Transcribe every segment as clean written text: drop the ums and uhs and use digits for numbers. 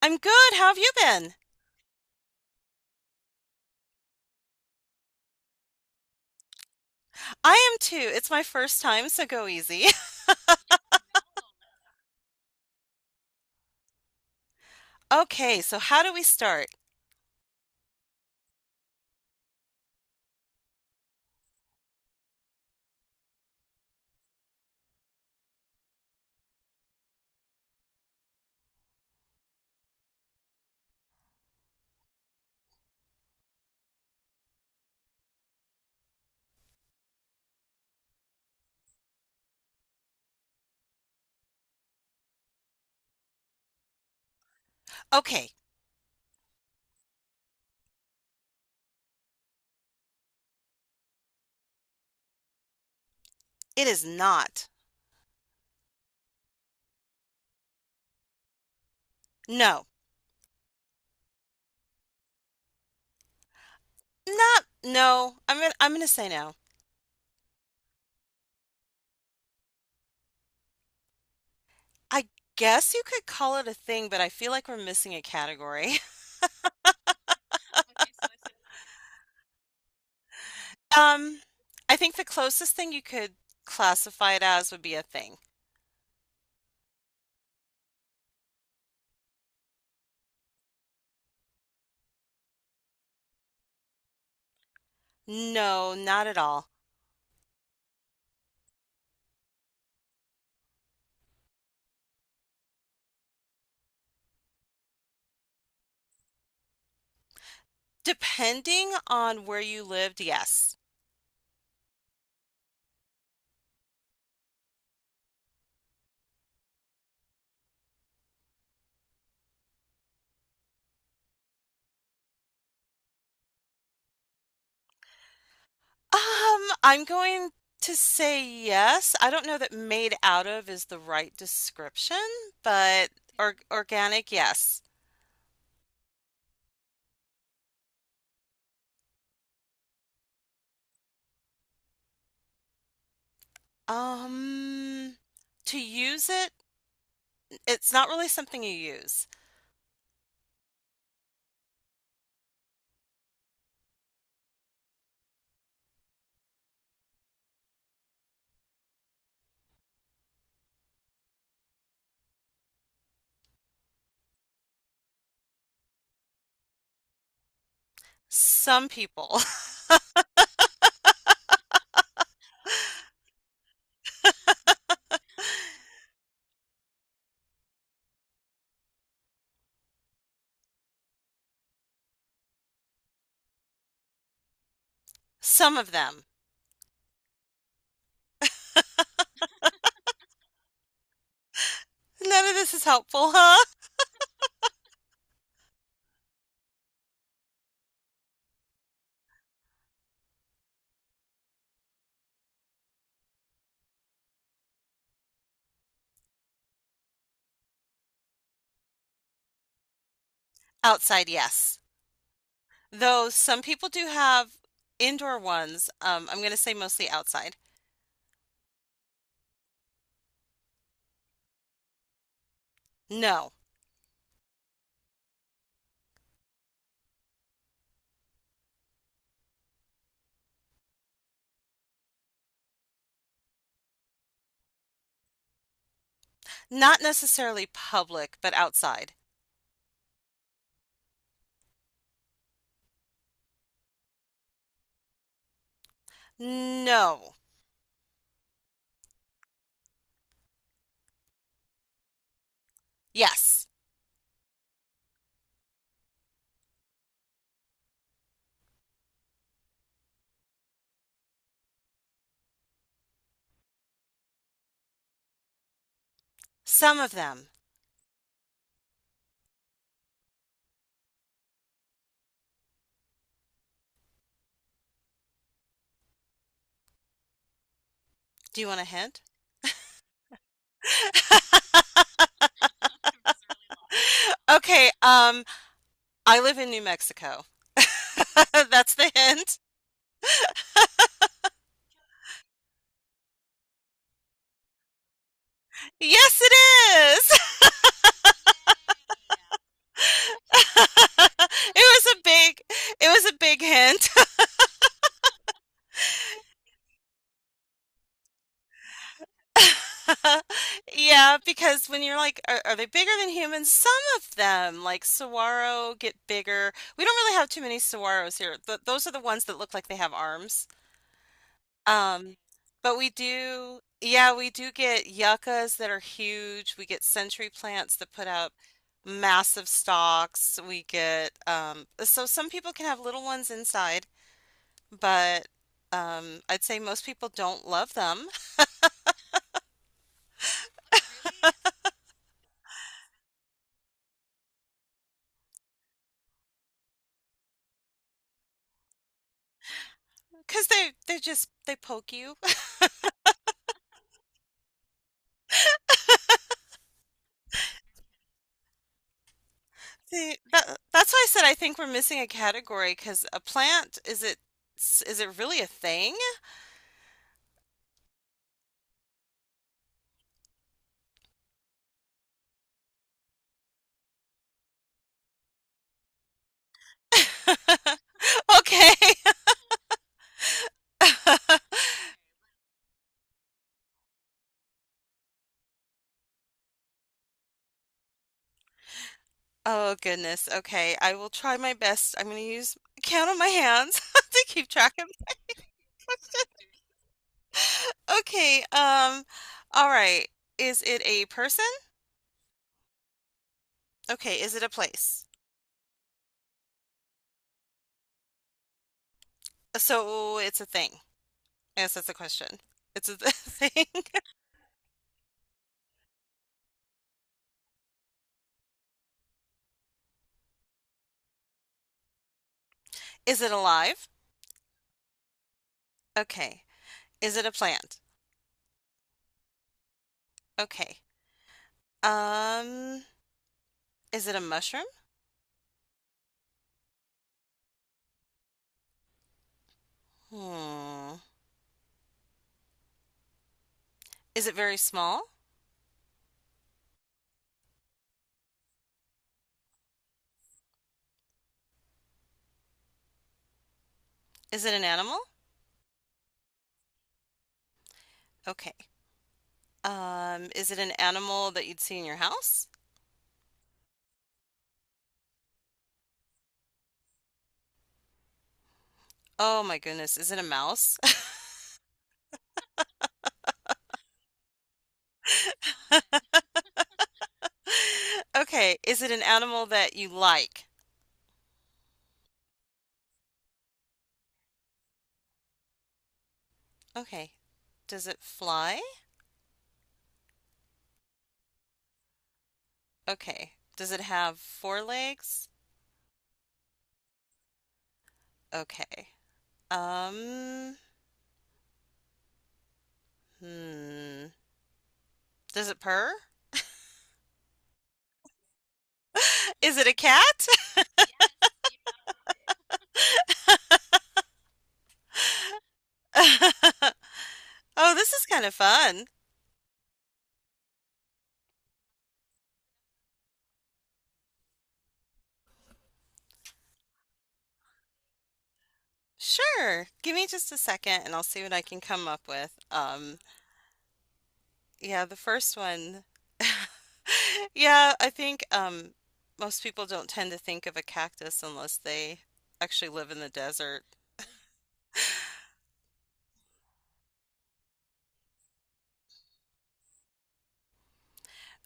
I'm good. How have you been? I am too. It's my first time, so go easy. Okay, so how do we start? Okay, it is not. No. Not no. I'm gonna say no. I guess you could call it a thing, but I feel like we're missing a category. Um, I think the closest thing you could classify it as would be a thing. No, not at all. Depending on where you lived, yes. I'm going to say yes. I don't know that made out of is the right description, but or organic, yes. Um, to use it, it's not really something you use. Some people, some of them. None of this is helpful, huh? Outside, yes. Though some people do have indoor ones. I'm going to say mostly outside. No, not necessarily public, but outside. No. Yes. Some of them. Do you want a hint? Okay, I live in New Mexico. That's the hint. Yes, it is. It was a big, it was a big hint. Yeah, because when you're like, are they bigger than humans? Some of them, like saguaro, get bigger. We don't really have too many saguaros here. Th Those are the ones that look like they have arms. Um, but we do, yeah, we do get yuccas that are huge. We get century plants that put out massive stalks. We get, so some people can have little ones inside, but I'd say most people don't love them because they just they poke you. See, that's why I said I think we're missing a category because a plant is it, is it really a thing? Okay. Oh goodness. Okay. I will try my best. I'm gonna use count on my hands to keep track of the question. Okay. All right. Is it a person? Okay. Is it a place? So it's a thing. Yes, that's the question. It's a thing. Is it alive? Okay. Is it a plant? Okay. Um, is it a mushroom? Hmm. Is it very small? Is it an animal? Okay. Is it an animal that you'd see in your house? Oh my goodness, is it a mouse? Okay, is it an animal that you like? Okay. Does it fly? Okay. Does it have four legs? Okay. Um, hmm. Does it purr? Is it a cat? Oh, this is kind of fun. Sure. Give me just a second and I'll see what I can come up with. Yeah, the first one yeah, I think most people don't tend to think of a cactus unless they actually live in the desert.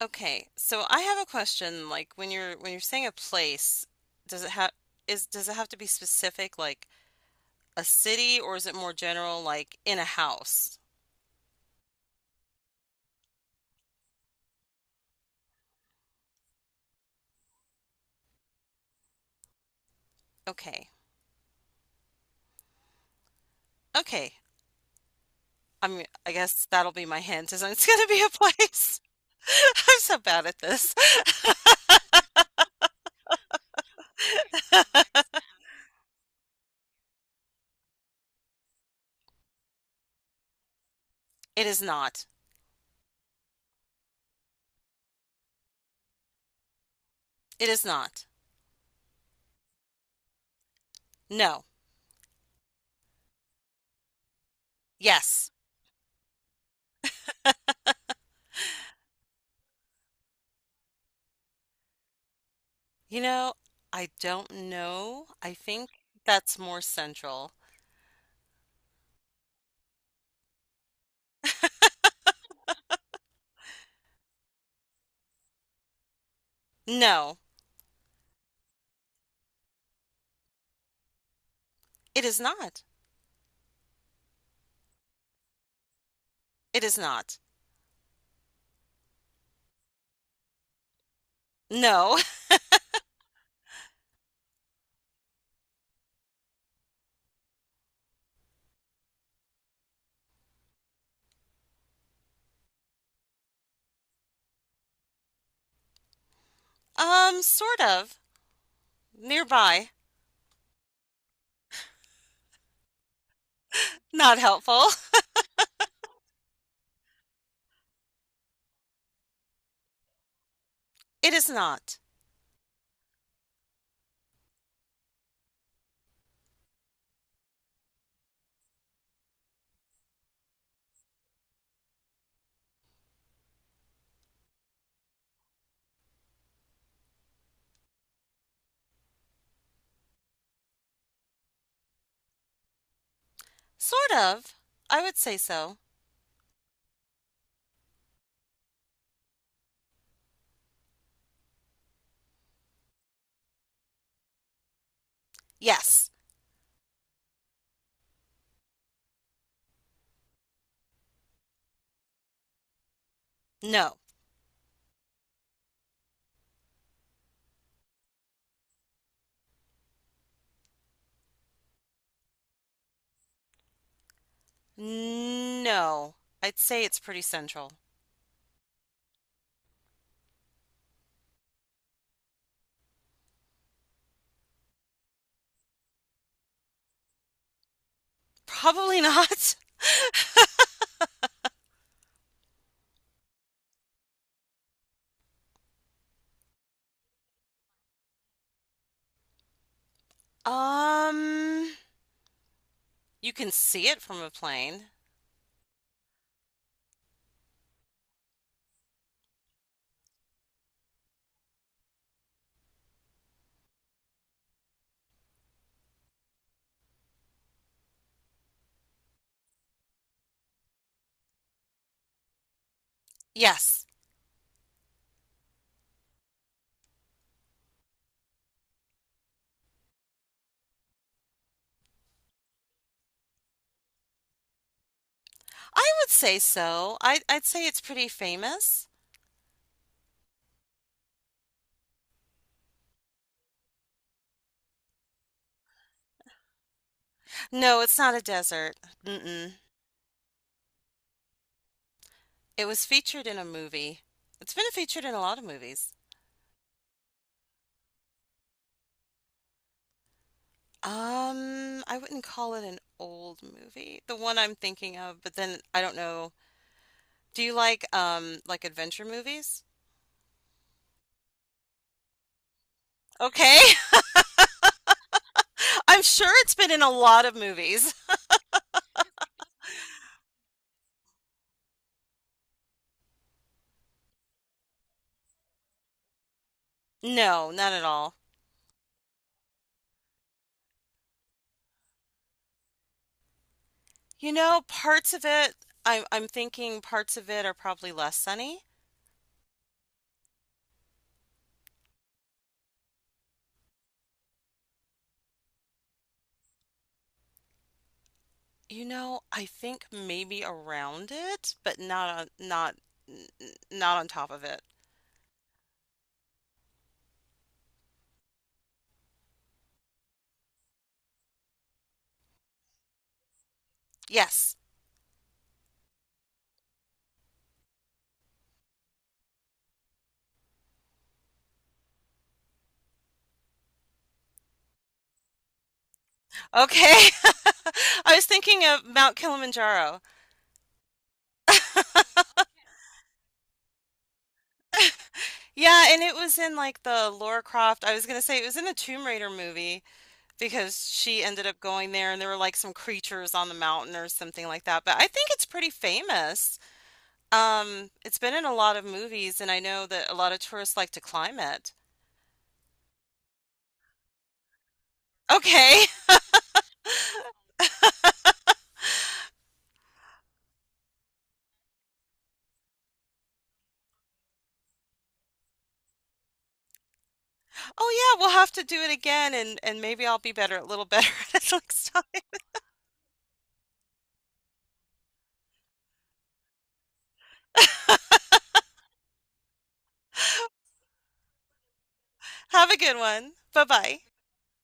Okay, so I have a question. Like when you're saying a place, does it have is does it have to be specific, like a city, or is it more general, like in a house? Okay, okay. I guess that'll be my hint. Is it's gonna be a place. I'm so bad at this. It is not. It is not. No. Yes. You know, I don't know. I think that's more central. No, it is not. It is not. No. Sort of. Nearby. Not helpful. It is not. Sort of. I would say so. Yes. No. No. I'd say it's pretty central. Probably not. Um, you can see it from a plane. Yes. I would say so. I'd say it's pretty famous. No, it's not a desert. Mm-mm. It was featured in a movie. It's been featured in a lot of movies. I wouldn't call it an old movie, the one I'm thinking of, but then I don't know. Do you like adventure movies? Okay. I'm sure it's been in a lot of movies. No, not at all. You know, parts of it, I'm thinking parts of it are probably less sunny. You know, I think maybe around it, but not n- n- not on top of it. Yes. Okay. I was thinking of Mount Kilimanjaro. Yeah, and it was in like the Lara Croft. I was gonna say it was in the Tomb Raider movie because she ended up going there and there were like some creatures on the mountain or something like that. But I think it's pretty famous. It's been in a lot of movies and I know that a lot of tourists like to climb it. Okay. Oh yeah, we'll have to do it again and maybe I'll be better a little better at next time. Have a good one. Bye-bye.